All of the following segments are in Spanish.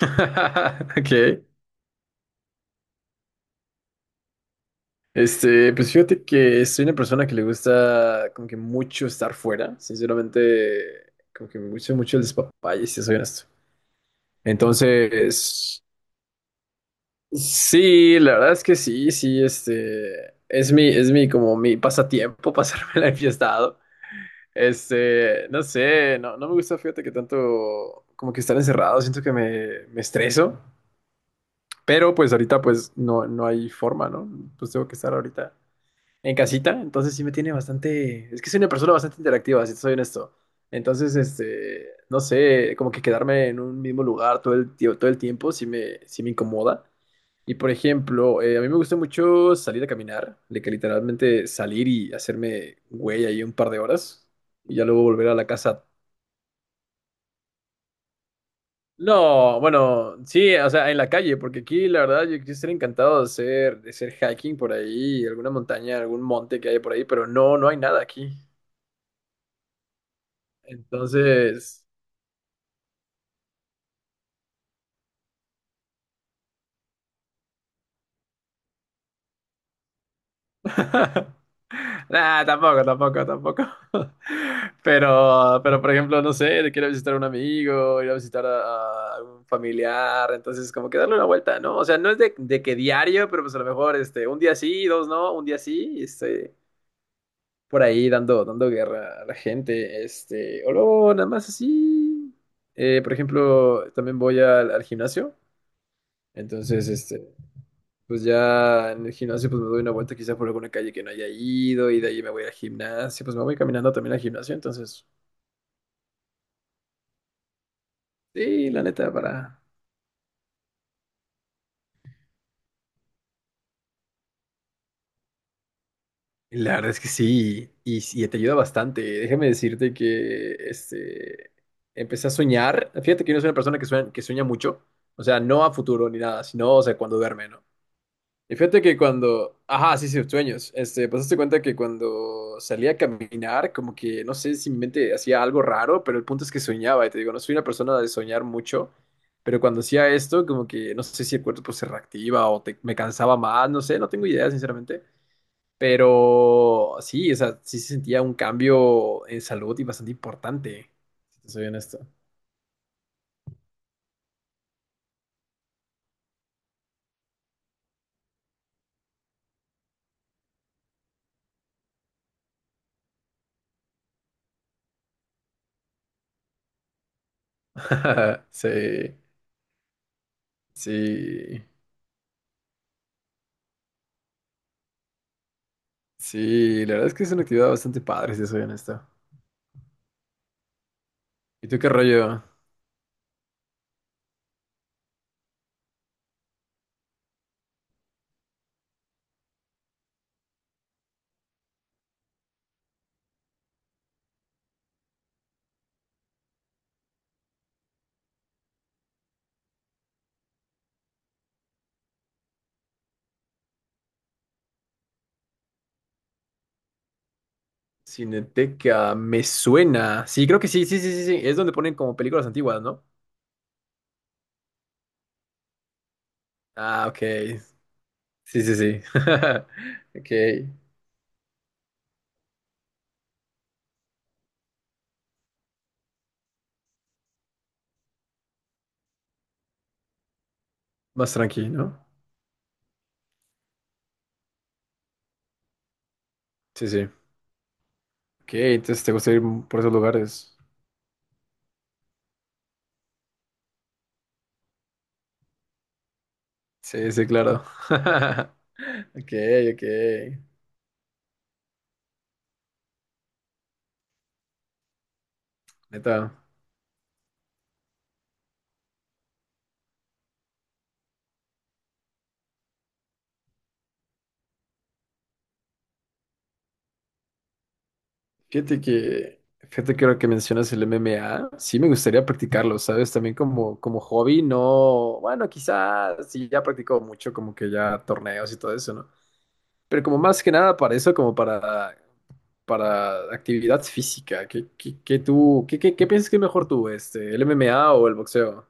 Ok. Pues fíjate que soy una persona que le gusta como que mucho estar fuera. Sinceramente, como que me gusta mucho el despapalle, si soy honesto. Entonces, sí, la verdad es que sí, sí, es mi, como mi pasatiempo, pasármela enfiestado. No sé, no me gusta, fíjate que tanto como que estar encerrado, siento que me estreso. Pero pues ahorita pues no hay forma, ¿no? Pues tengo que estar ahorita en casita, entonces sí me tiene bastante, es que soy una persona bastante interactiva, si te soy honesto. Entonces, no sé, como que quedarme en un mismo lugar todo el tiempo sí me incomoda. Y por ejemplo, a mí me gusta mucho salir a caminar, de que literalmente salir y hacerme güey ahí un par de horas y ya luego volver a la casa. No, bueno, sí, o sea, en la calle, porque aquí la verdad yo estaría encantado de hacer hiking por ahí, alguna montaña, algún monte que haya por ahí, pero no hay nada aquí. Entonces, nada, tampoco, tampoco, tampoco. Pero por ejemplo, no sé, quiero visitar a un amigo, ir a visitar a un familiar, entonces como que darle una vuelta, ¿no? O sea, no es de que diario, pero pues a lo mejor un día sí, dos no, un día sí, y por ahí dando guerra a la gente, o luego nada más así. Por ejemplo, también voy al gimnasio, entonces, pues ya en el gimnasio pues me doy una vuelta quizá por alguna calle que no haya ido y de ahí me voy al gimnasio, pues me voy caminando también al gimnasio, entonces sí, la neta para. La verdad es que sí, y te ayuda bastante. Déjame decirte que empecé a soñar. Fíjate que yo no soy una persona que sueña mucho, o sea, no a futuro ni nada, sino, o sea, cuando duerme, ¿no? Y fíjate que cuando, ajá, sí, sí, sueños, pues hazte cuenta que cuando salía a caminar, como que, no sé si mi mente hacía algo raro, pero el punto es que soñaba, y te digo, no soy una persona de soñar mucho, pero cuando hacía esto, como que, no sé si el cuerpo pues, se reactiva o me cansaba más, no sé, no tengo idea, sinceramente, pero sí, o sea, sí se sentía un cambio en salud y bastante importante, si te soy honesto. Sí, sí, sí, la verdad es que es una actividad bastante padre, si te soy honesto. ¿Y tú qué rollo? Cineteca, me suena. Sí, creo que sí, sí, sí, sí, sí. Es donde ponen como películas antiguas, ¿no? Ah, ok. Sí, sí, sí. Ok. Más tranqui, ¿no? Sí, sí. Ok, entonces te gusta ir por esos lugares. Sí, sí, claro. Ok, ok. Neta. Fíjate que, fíjate que ahora que mencionas el MMA, sí me gustaría practicarlo, ¿sabes? También como hobby, no. Bueno, quizás sí ya practico mucho, como que ya torneos y todo eso, ¿no? Pero como más que nada para eso, como para actividad física. ¿Qué tú, qué piensas que es mejor tú, el MMA o el boxeo?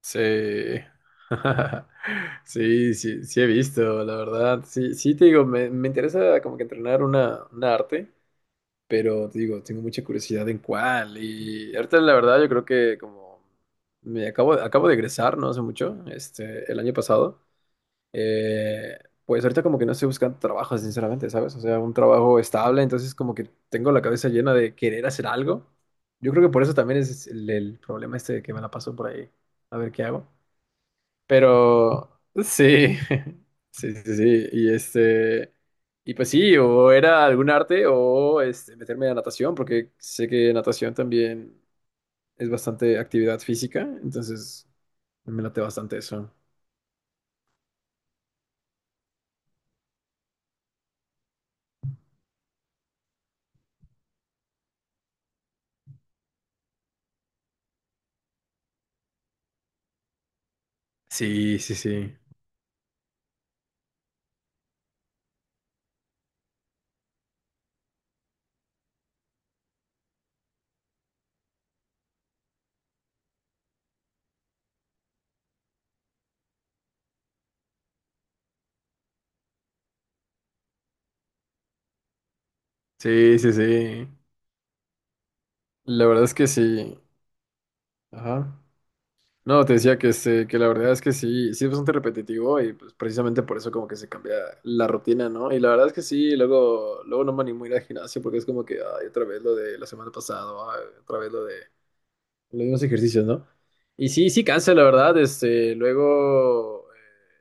Sí. Sí, sí, sí he visto, la verdad. Sí, sí te digo, me interesa como que entrenar una arte, pero te digo, tengo mucha curiosidad en cuál. Y ahorita la verdad yo creo que como acabo de egresar, no hace mucho, el año pasado. Eh, pues ahorita como que no estoy buscando trabajo, sinceramente, ¿sabes? O sea, un trabajo estable, entonces como que tengo la cabeza llena de querer hacer algo. Yo creo que por eso también es el problema este de que me la paso por ahí, a ver qué hago. Pero sí, sí, sí, sí. Y y pues sí, o era algún arte o meterme a natación, porque sé que natación también es bastante actividad física, entonces me late bastante eso. Sí, sí, sí. Sí, sí, sí. La verdad es que sí. Ajá. No, te decía que la verdad es que sí, sí es bastante repetitivo y pues precisamente por eso como que se cambia la rutina, ¿no? Y la verdad es que sí, luego, luego no me animo a ir al gimnasio porque es como que, ay, otra vez lo de la semana pasada, ay, otra vez lo de los mismos ejercicios, ¿no? Y sí, sí cansa, la verdad, luego,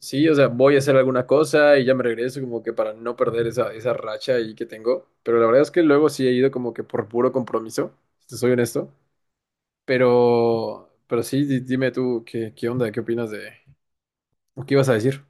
sí, o sea, voy a hacer alguna cosa y ya me regreso como que para no perder esa racha ahí que tengo, pero la verdad es que luego sí he ido como que por puro compromiso, si te soy honesto. Pero sí, dime tú qué onda, qué opinas de, o qué ibas a decir.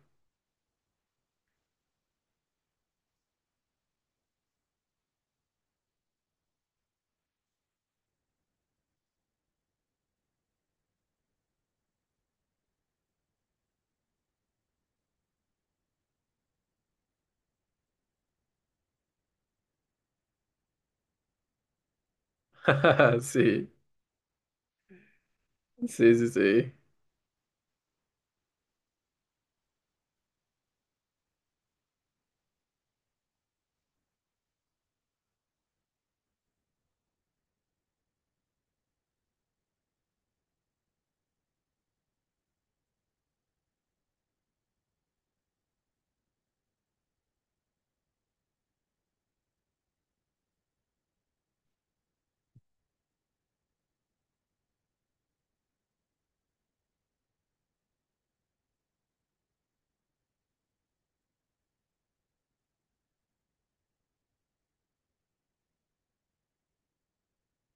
Sí, sí, sí, sí.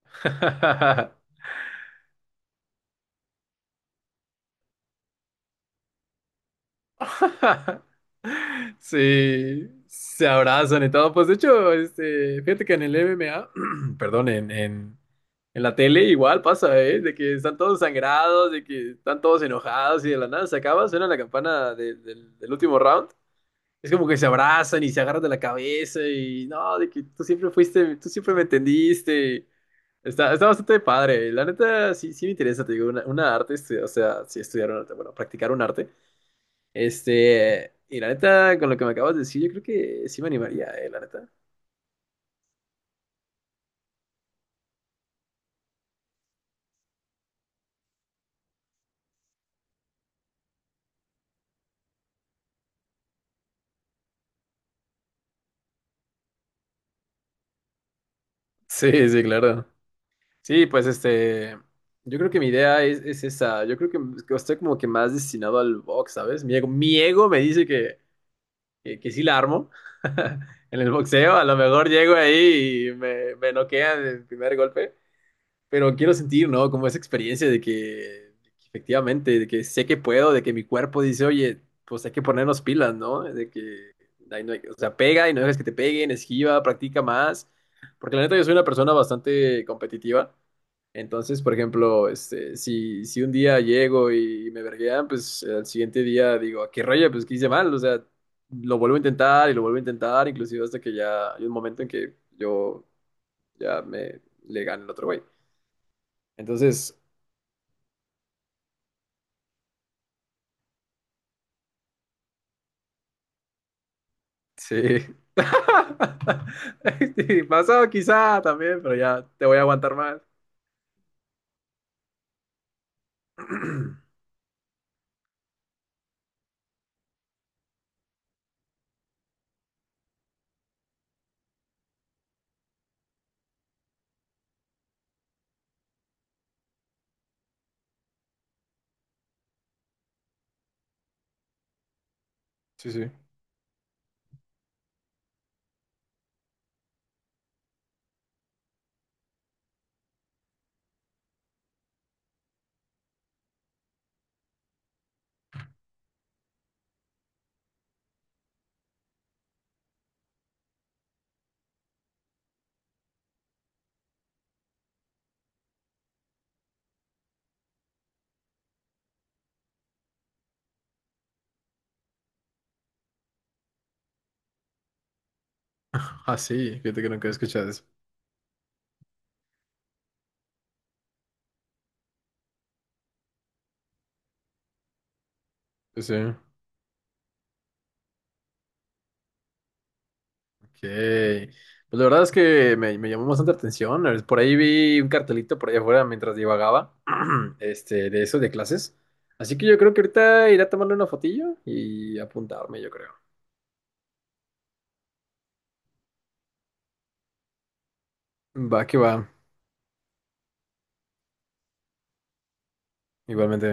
Sí, se abrazan y todo. Pues de hecho, fíjate que en el MMA perdón, en la tele igual pasa, ¿eh? De que están todos sangrados, de que están todos enojados y de la nada se acaba, suena la campana del último round. Es como que se abrazan y se agarran de la cabeza y no, de que tú siempre fuiste, tú siempre me entendiste. Está bastante padre. Y la neta, sí, sí me interesa, te digo, una arte, o sea, sí estudiar un arte, bueno, practicar un arte. Y la neta, con lo que me acabas de decir, yo creo que sí me animaría, la neta. Sí, sí, claro. Sí, pues yo creo que mi idea es, esa. Yo creo que estoy como que más destinado al box, ¿sabes? Mi ego me dice que sí la armo en el boxeo. A lo mejor llego ahí y me noquean el primer golpe. Pero quiero sentir, ¿no? Como esa experiencia de que efectivamente, de que sé que puedo, de que mi cuerpo dice, oye, pues hay que ponernos pilas, ¿no? De que, ahí no hay- O sea, pega y no dejes que te peguen, esquiva, practica más. Porque la neta yo soy una persona bastante competitiva. Entonces, por ejemplo, si un día llego y me verguean, pues al siguiente día digo, ¿a qué rollo? Pues que hice mal, o sea, lo vuelvo a intentar y lo vuelvo a intentar, inclusive hasta que ya hay un momento en que yo ya me le gane el otro güey. Entonces, sí. Sí, pasado quizá también, pero ya te voy a aguantar más. Sí, sí. Ah, sí, fíjate que nunca he escuchado eso. Sí, sí. Ok. Pues la verdad es que me llamó bastante la atención. Por ahí vi un cartelito por allá afuera mientras divagaba, de eso, de clases. Así que yo creo que ahorita iré a tomarle una fotillo y apuntarme, yo creo. Va que va, igualmente.